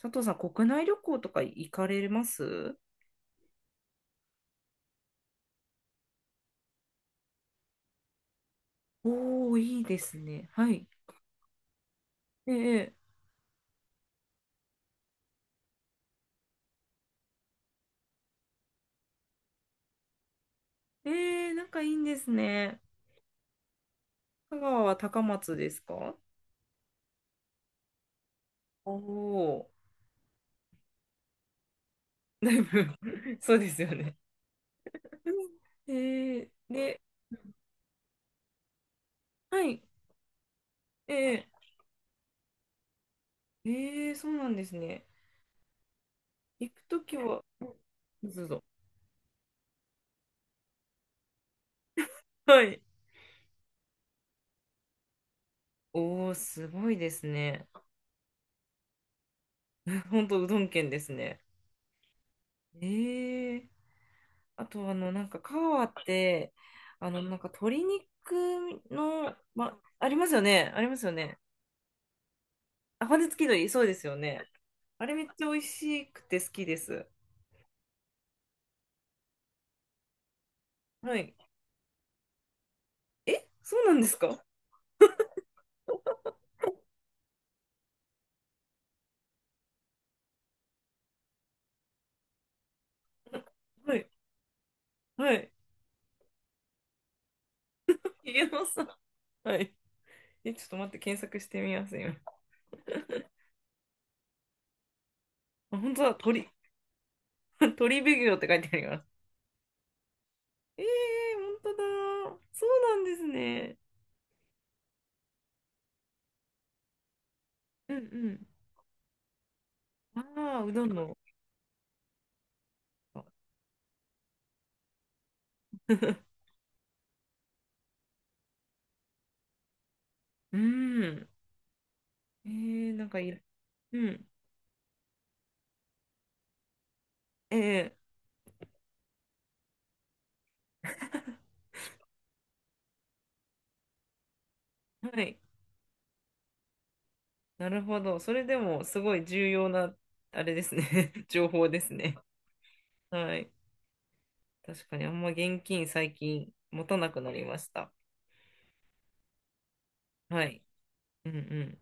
佐藤さん、国内旅行とか行かれますおー、いいですね。はい。ええ、ええ、なんかいいんですね。香川は高松ですか？おお、ー、だいぶ そうですよね。えーで、はい。ええ、ええ、そうなんですね。行くときは、うん、どうぞ。はい。おお、すごいですね。本当うどん県ですね。ええ、あと、あの、なんか、カワって、あの、なんか、鶏肉の、ま、ありますよね。ありますよね。あ、骨付き鳥そうですよね。あれめっちゃ美味しくて好きです。はい。え、そうなんですか？はい。はい。ひげのさん。はい。え、ちょっと待って、検索してみます、今。あ、本当だ、鳥、鳥ビュって書いてあります。えー、本当だ。そうなんですね。うんうん。ああ、うどんの。うん。えー、なんかいい。うん。ええ はい。なるほど。それでもすごい重要な、あれですね 情報ですね。はい。確かにあんま現金最近持たなくなりました。はい。うんうん。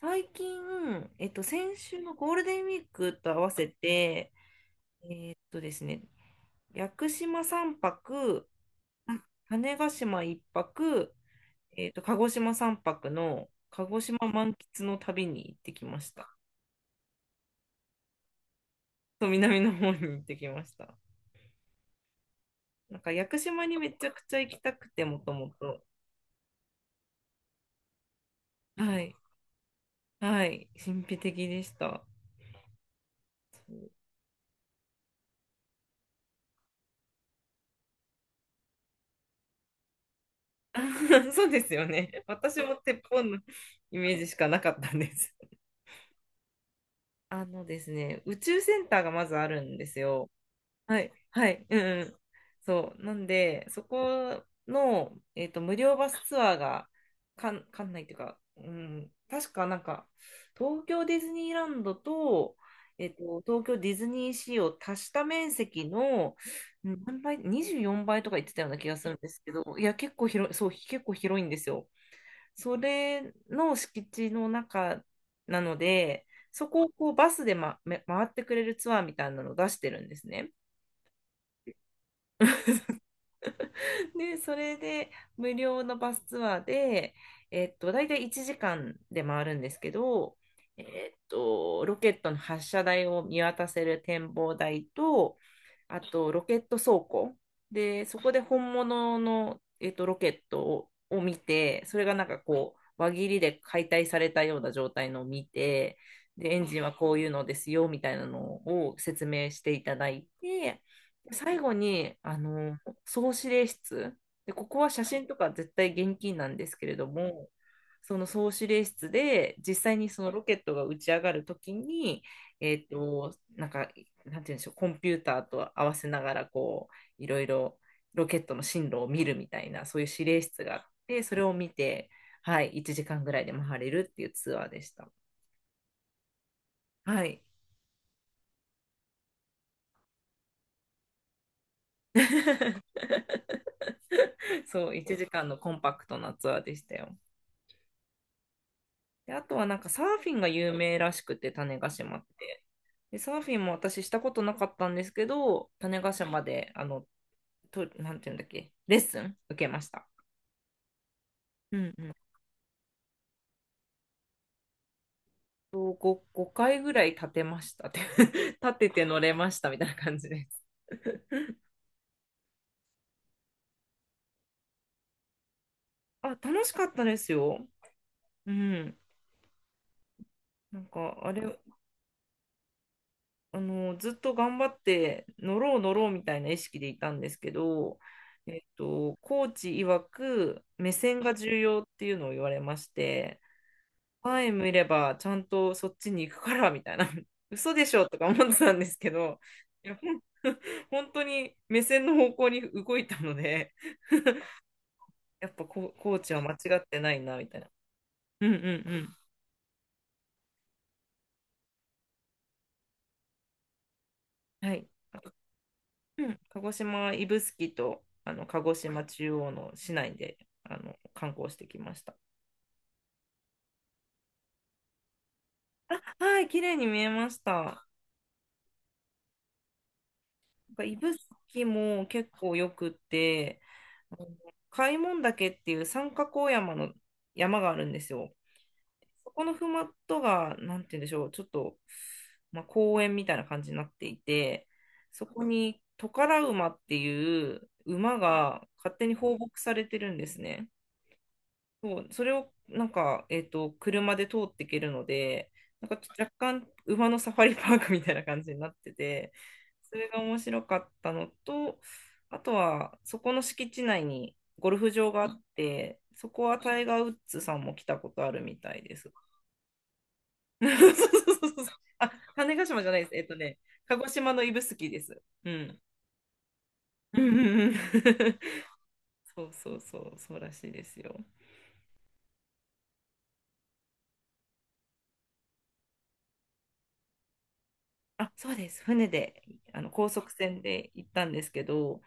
最近、先週のゴールデンウィークと合わせて、えっとですね、屋久島3泊、あ、種子島1泊、えっと、鹿児島3泊の鹿児島満喫の旅に行ってきました。と南の方に行ってきました。なんか屋久島にめちゃくちゃ行きたくて、もともと。はい。はい。神秘的でした。そうですよね。私も鉄砲のイメージしかなかったんです。あのですね、宇宙センターがまずあるんですよ。はい、はい、うんうん。そう、なんで、そこの、えっと、無料バスツアーが、かんないというか、うん、確かなんか、東京ディズニーランドと、えっと、東京ディズニーシーを足した面積の、うん、何倍、24倍とか言ってたような気がするんですけど、いや、結構広いんですよ。それの敷地の中なので、そこをこうバスで、ま、め回ってくれるツアーみたいなのを出してるんですね。で、それで無料のバスツアーで、えっと、大体1時間で回るんですけど、えっと、ロケットの発射台を見渡せる展望台と、あとロケット倉庫。で、そこで本物の、えっと、ロケットを、を見て、それがなんかこう、輪切りで解体されたような状態のを見て、で、エンジンはこういうのですよ、みたいなのを説明していただいて、最後に、あの、総司令室で、ここは写真とか絶対厳禁なんですけれども、その総司令室で実際にそのロケットが打ち上がるときに、えっと、なんか、なんて言うんでしょう、コンピューターと合わせながらこういろいろロケットの進路を見るみたいな、そういう指令室があってそれを見て、はい、1時間ぐらいで回れるっていうツアーでした。はい。 そう、1時間のコンパクトなツアーでしたよ。で、あとはなんかサーフィンが有名らしくて、種子島って。で、サーフィンも私したことなかったんですけど、種子島で、あの、と、なんていうんだっけ、レッスン受けました。うんうん。と5、5回ぐらい立てましたって 立てて乗れましたみたいな感じです。あ、楽しかったですよ。うん。なんか、あれ、あの、ずっと頑張って乗ろう乗ろうみたいな意識でいたんですけど、えっと、コーチ曰く目線が重要っていうのを言われまして、前見ればちゃんとそっちに行くからみたいな、嘘でしょとか思ってたんですけど、いや、本当に目線の方向に動いたので、やっぱ、コーチは間違ってないなみたいな。うんうんうん。はい。うん、鹿児島指宿とあの鹿児島中央の市内であの観光してきました。あ、はい、綺麗に見えました。なんか指宿も結構よくって、あの、開聞岳っていう三角大山の山があるんですよ。そこのふもとが、なんて言うんでしょう、ちょっと、まあ、公園みたいな感じになっていて、そこにトカラ馬っていう馬が勝手に放牧されてるんですね。そう、それをなんか、えっと、車で通っていけるので、なんかちょっと若干馬のサファリパークみたいな感じになってて、それが面白かったのと、あとはそこの敷地内にゴルフ場があって、そこはタイガー・ウッズさんも来たことあるみたいです。そうそうそうそう。あ、種子島じゃないです。えっとね、鹿児島の指宿です。うん。うんうんうん。 そうそうそう、そうらしいですよ。あ、そうです。船で、あの高速船で行ったんですけど、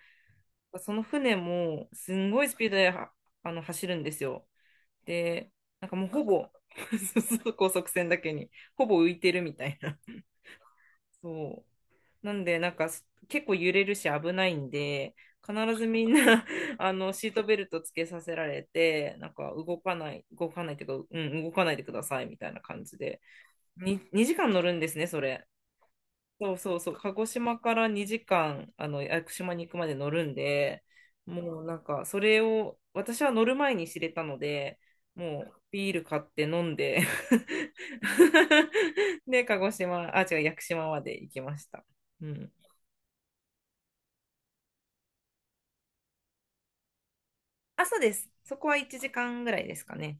その船もすんごいスピードではあの走るんですよ。で、なんかもうほぼ そうそう、高速船だけに、ほぼ浮いてるみたいな。そう。なんで、なんかす結構揺れるし危ないんで、必ずみんな あのシートベルトつけさせられて、なんか動かないっていうか、うん、動かないでくださいみたいな感じで。に2時間乗るんですね、それ。そうそうそう、鹿児島から2時間、あの、屋久島に行くまで乗るんで、もうなんか、それを、私は乗る前に知れたので、もうビール買って飲んで で、鹿児島、あ、違う、屋久島まで行きました。うん。あ、そうです。そこは1時間ぐらいですかね。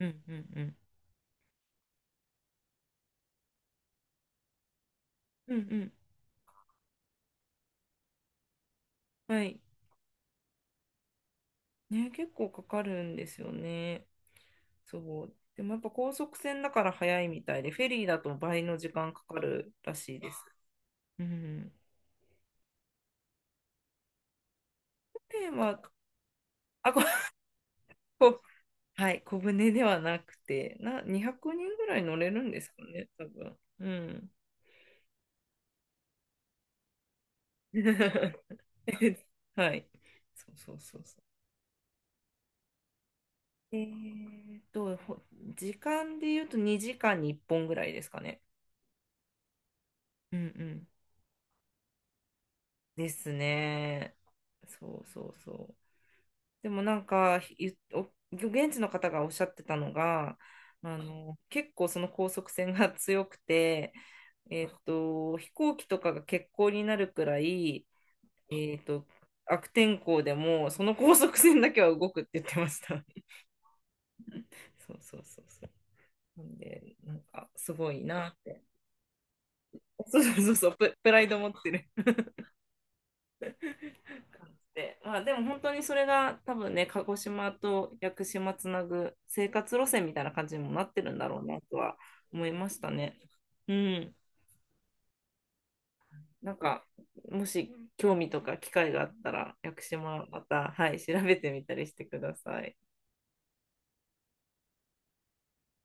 うんうんうん。うんうん。はい。ね、結構かかるんですよね。そう。でもやっぱ高速船だから早いみたいで、フェリーだと倍の時間かかるらしいです。うん。で、まあ、あ、こ、こ、はい、小舟ではなくて、な、200人ぐらい乗れるんですかね、多分。うん。はい。そうそうそうそう。えーっと、時間で言うと2時間に1本ぐらいですかね。うんうん。ですね。そうそうそう。でもなんか、現地の方がおっしゃってたのが、あの、結構その高速船が強くて、えっと、飛行機とかが欠航になるくらい、えっと、悪天候でも、その高速船だけは動くって言ってました。そうそうそうそう。なんで、なんか、すごいなって。そうそうそうそう、プライド持ってる。で、まあ、でも本当にそれが多分ね、鹿児島と屋久島つなぐ生活路線みたいな感じにもなってるんだろうなとは思いましたね。うん。なんか、もし興味とか機会があったら、屋久島また、はい、調べてみたりしてください。